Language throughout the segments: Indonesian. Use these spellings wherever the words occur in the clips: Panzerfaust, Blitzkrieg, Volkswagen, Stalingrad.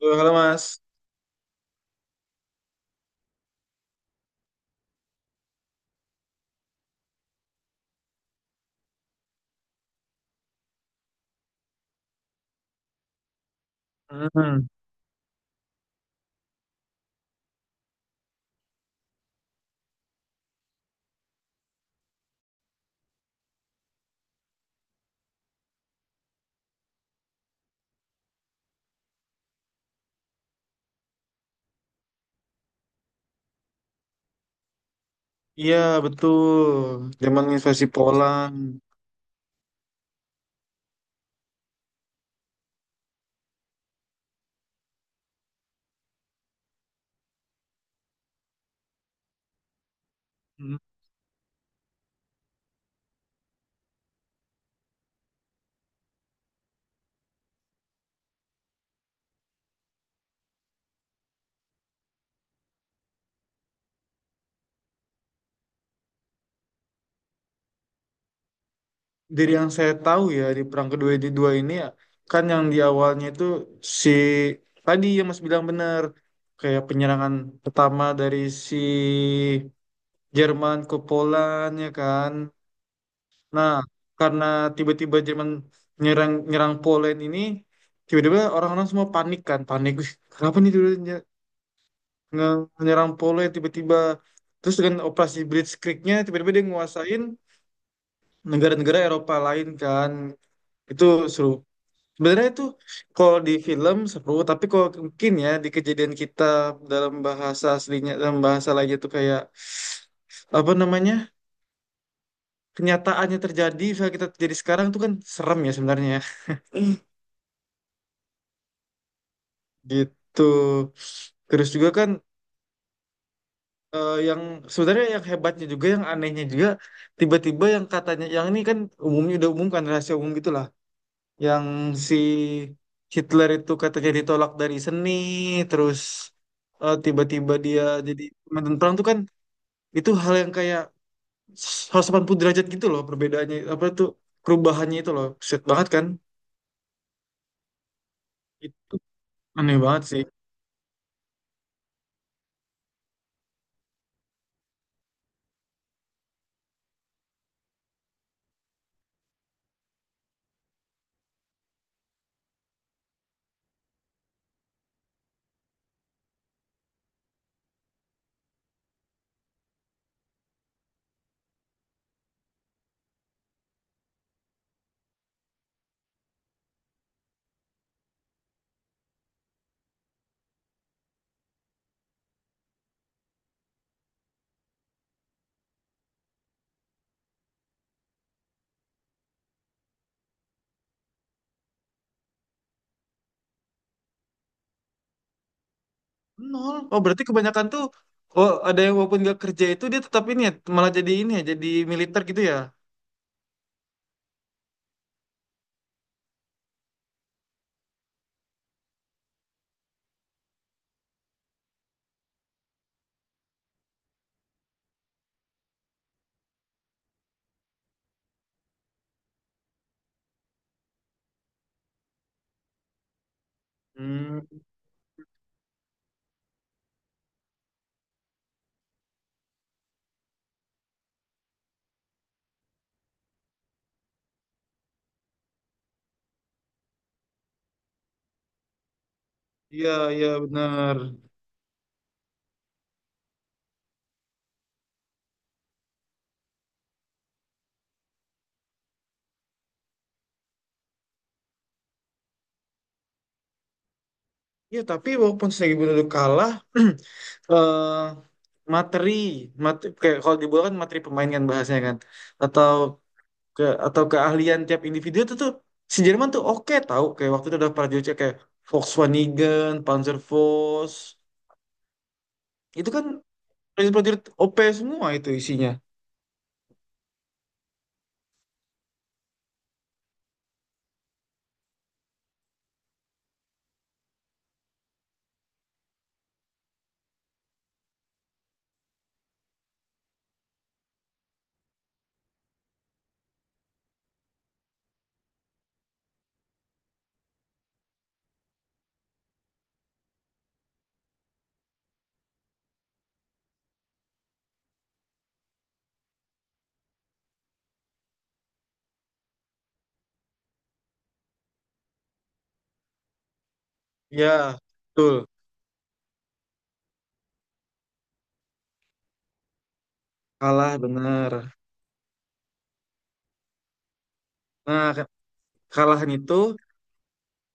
Halo, halo, Mas. Hmm, iya betul. Zaman invasi Poland. Hmm. Dari yang saya tahu ya, di perang kedua di dua ini ya kan, yang di awalnya itu si tadi yang Mas bilang benar, kayak penyerangan pertama dari si Jerman ke Poland ya kan. Nah, karena tiba-tiba Jerman nyerang nyerang Poland ini, tiba-tiba orang-orang semua panik kan, panik. Wih, kenapa nih tiba-tiba menyerang Poland tiba-tiba, terus dengan operasi Blitz nya tiba-tiba dia nguasain negara-negara Eropa lain kan. Itu seru sebenarnya. Itu kalau di film seru, tapi kalau mungkin ya di kejadian kita, dalam bahasa aslinya dalam bahasa lagi itu kayak apa namanya, kenyataannya terjadi, misalnya kita terjadi sekarang itu kan serem ya sebenarnya ya. Gitu. Terus juga kan yang sebenarnya yang hebatnya juga, yang anehnya juga, tiba-tiba yang katanya yang ini kan umumnya udah umum kan, rahasia umum gitulah, yang si Hitler itu katanya ditolak dari seni, terus tiba-tiba dia jadi komandan perang tuh kan. Itu hal yang kayak 180 derajat gitu loh perbedaannya. Apa tuh perubahannya itu loh, set banget kan. Itu aneh banget sih. Nol? Oh, berarti kebanyakan tuh. Oh, ada yang walaupun nggak kerja itu dia tetap ini ya, malah jadi ini ya, jadi militer gitu ya. Hmm, iya, iya benar. Ya, tapi walaupun Seribu Duduk kalah, eh, materi, materi kayak kalau di bola kan materi pemain kan bahasanya kan, atau ke atau keahlian tiap individu itu tuh si Jerman tuh oke tahu, kayak waktu itu ada prajurit kayak Volkswagen, Panzerfaust, itu kan prajurit-prajurit OP semua itu isinya. Ya, betul. Kalah benar. Nah, ke- Kalahan itu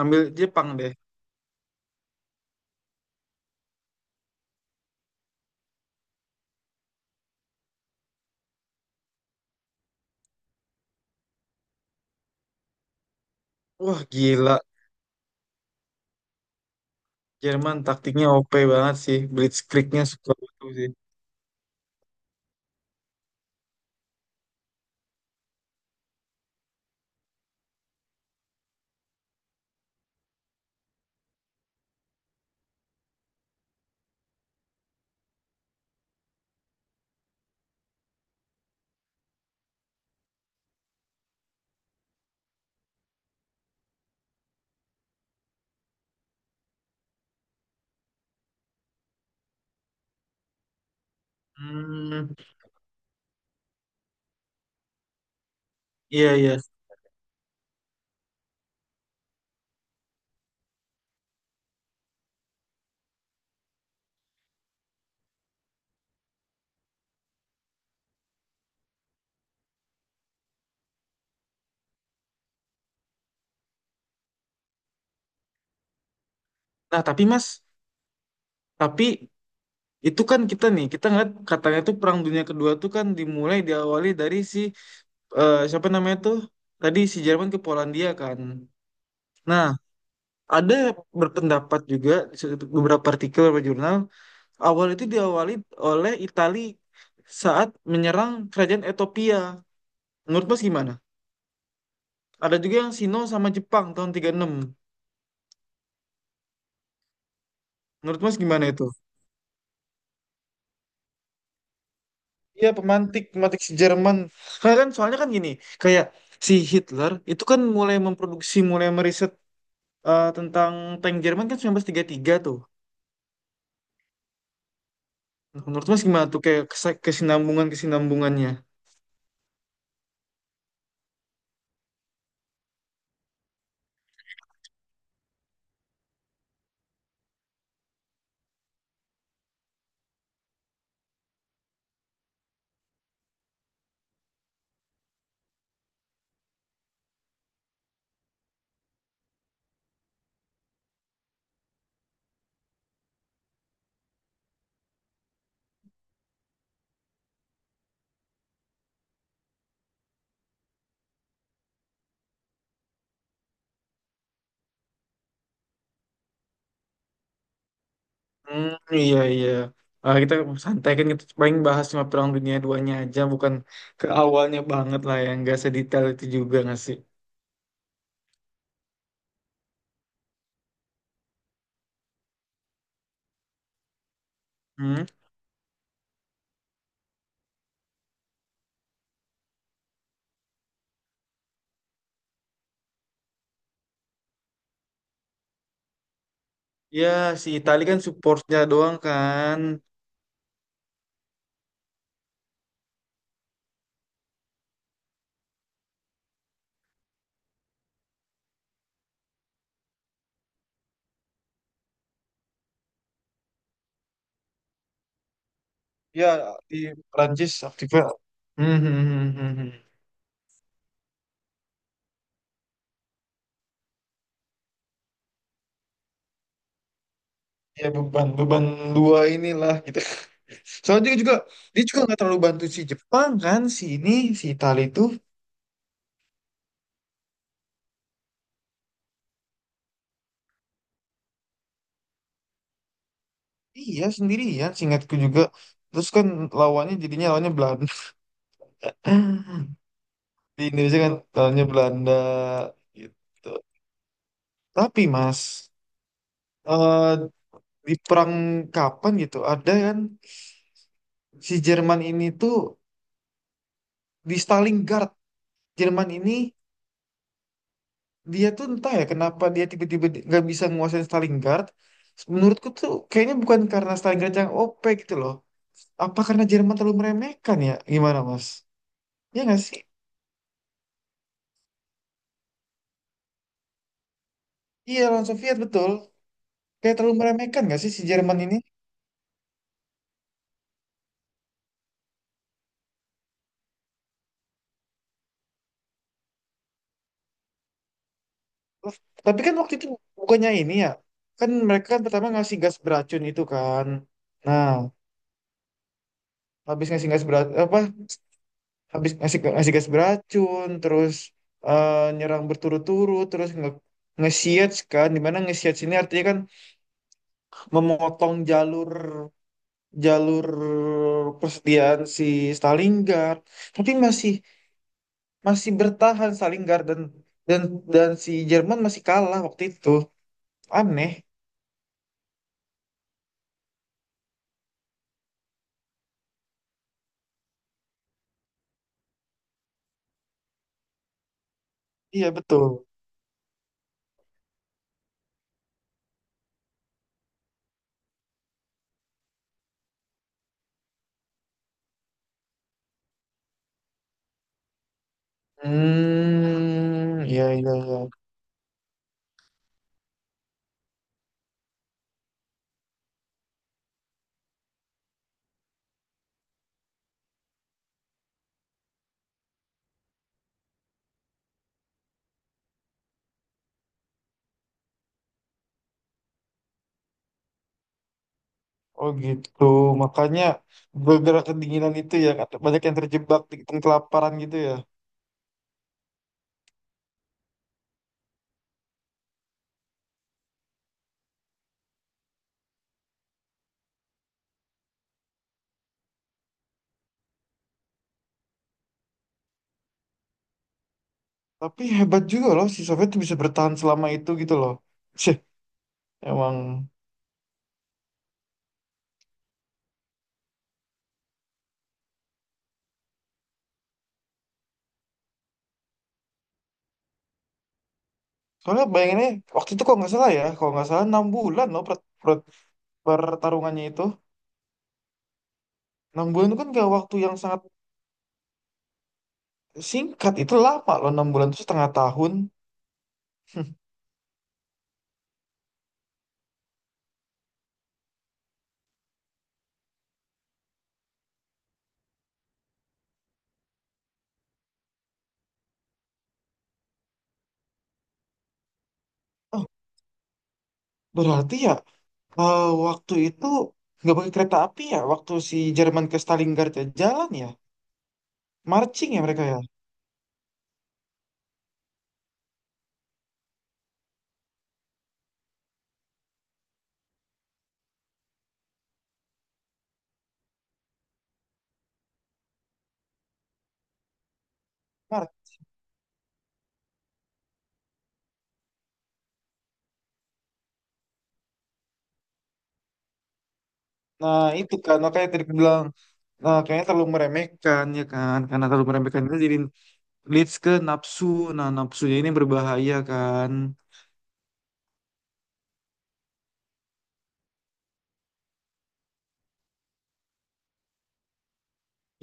ambil Jepang deh. Wah, gila. Jerman taktiknya OP banget sih. Blitzkriegnya suka itu sih. Hmm, iya iya. Nah, tapi Mas, tapi itu kan kita nih, kita ngeliat katanya tuh Perang Dunia Kedua tuh kan dimulai, diawali dari si siapa namanya tuh, tadi si Jerman ke Polandia kan. Nah, ada berpendapat juga, di beberapa artikel beberapa jurnal, awal itu diawali oleh Itali saat menyerang kerajaan Ethiopia. Menurut Mas gimana? Ada juga yang Sino sama Jepang tahun 36. Menurut Mas gimana itu? Iya, pemantik, pemantik si Jerman. Karena kan soalnya kan gini, kayak si Hitler itu kan mulai memproduksi, mulai meriset tentang tank Jerman kan 1933 tuh. Nah, menurut Mas gimana tuh kayak kesinambungan kesinambungannya? Hmm, iya iya. Ah, kita santai kan, kita paling bahas cuma Perang Dunia duanya aja, bukan ke awalnya banget lah, yang gak sedetail itu juga nggak sih? Hmm? Ya, si Itali kan supportnya doang kan. Ya, di Prancis aktifnya. Hmm, hmm, hmm, hmm, hmm. Ya, beban, beban dua inilah gitu. Soalnya dia juga, dia juga nggak terlalu bantu si Jepang kan, si ini si Itali itu. Iya, sendirian singkatku juga. Terus kan lawannya jadinya lawannya Belanda. Di Indonesia kan lawannya Belanda gitu. Tapi Mas, eh, di perang kapan gitu ada kan si Jerman ini tuh di Stalingrad. Jerman ini dia tuh entah ya kenapa dia tiba-tiba nggak bisa nguasain Starling Guard. Menurutku tuh kayaknya bukan karena Starling Guard yang OP gitu loh. Apa karena Jerman terlalu meremehkan ya? Gimana Mas? Iya nggak sih? Iya, lawan Soviet betul. Kayak terlalu meremehkan nggak sih si Jerman ini? Loh, tapi kan waktu itu bukannya ini ya. Kan mereka kan pertama ngasih gas beracun itu kan. Nah, habis ngasih gas beracun, apa habis ngasih ngasih gas beracun, terus nyerang berturut-turut terus nge nge-siege dimana nge-siege ini artinya kan memotong jalur, jalur persediaan si Stalingrad, tapi masih masih bertahan Stalingrad, dan dan si Jerman masih kalah waktu itu, aneh. Iya betul. Hmm, iya iya iya. Oh gitu, makanya gara-gara kedinginan itu ya, kata- banyak yang terjebak di kelaparan gitu ya. Tapi hebat juga loh si Soviet tuh bisa bertahan selama itu gitu loh. Sih, emang. Soalnya bayanginnya waktu itu kalau nggak salah ya, kalau nggak salah 6 bulan loh, per, per- pertarungannya itu. Enam bulan itu kan gak waktu yang sangat singkat, itu lama loh, 6 bulan itu setengah tahun. Oh, berarti ya waktu itu nggak pakai kereta api ya, waktu si Jerman ke Stalingrad ya, jalan ya, marching ya mereka ya. Mar- Nah itu kan, makanya tadi aku bilang. Nah, kayaknya terlalu meremehkan ya kan, karena terlalu meremehkan itu jadi leads ke nafsu. Nah, nafsunya ini berbahaya kan.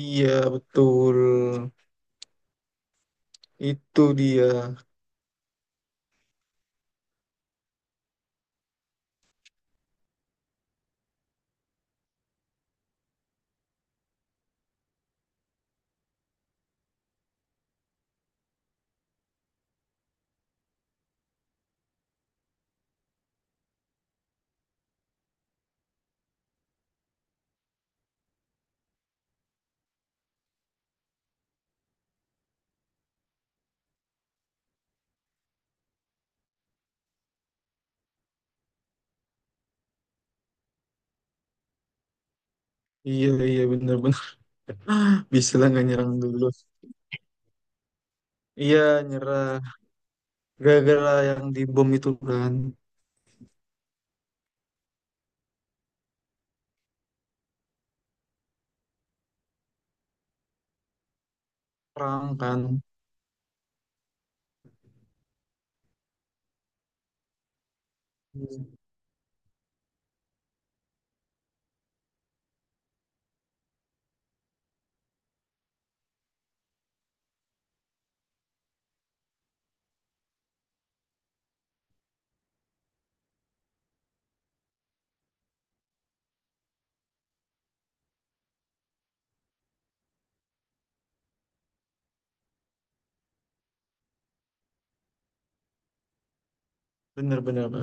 Iya, betul. Itu dia. Iya, iya benar-benar. Bisa lah nggak nyerang dulu. Iya, nyerah. Gara-gara yang dibom itu kan. Perang kan. Bener-bener.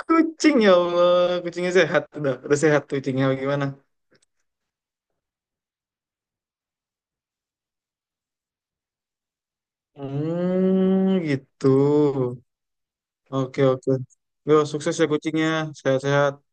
Kucing, ya Allah. Kucingnya sehat. Udah sehat kucingnya. Gimana? Hmm, gitu. Oke, oke. Yo, sukses ya kucingnya. Sehat-sehat.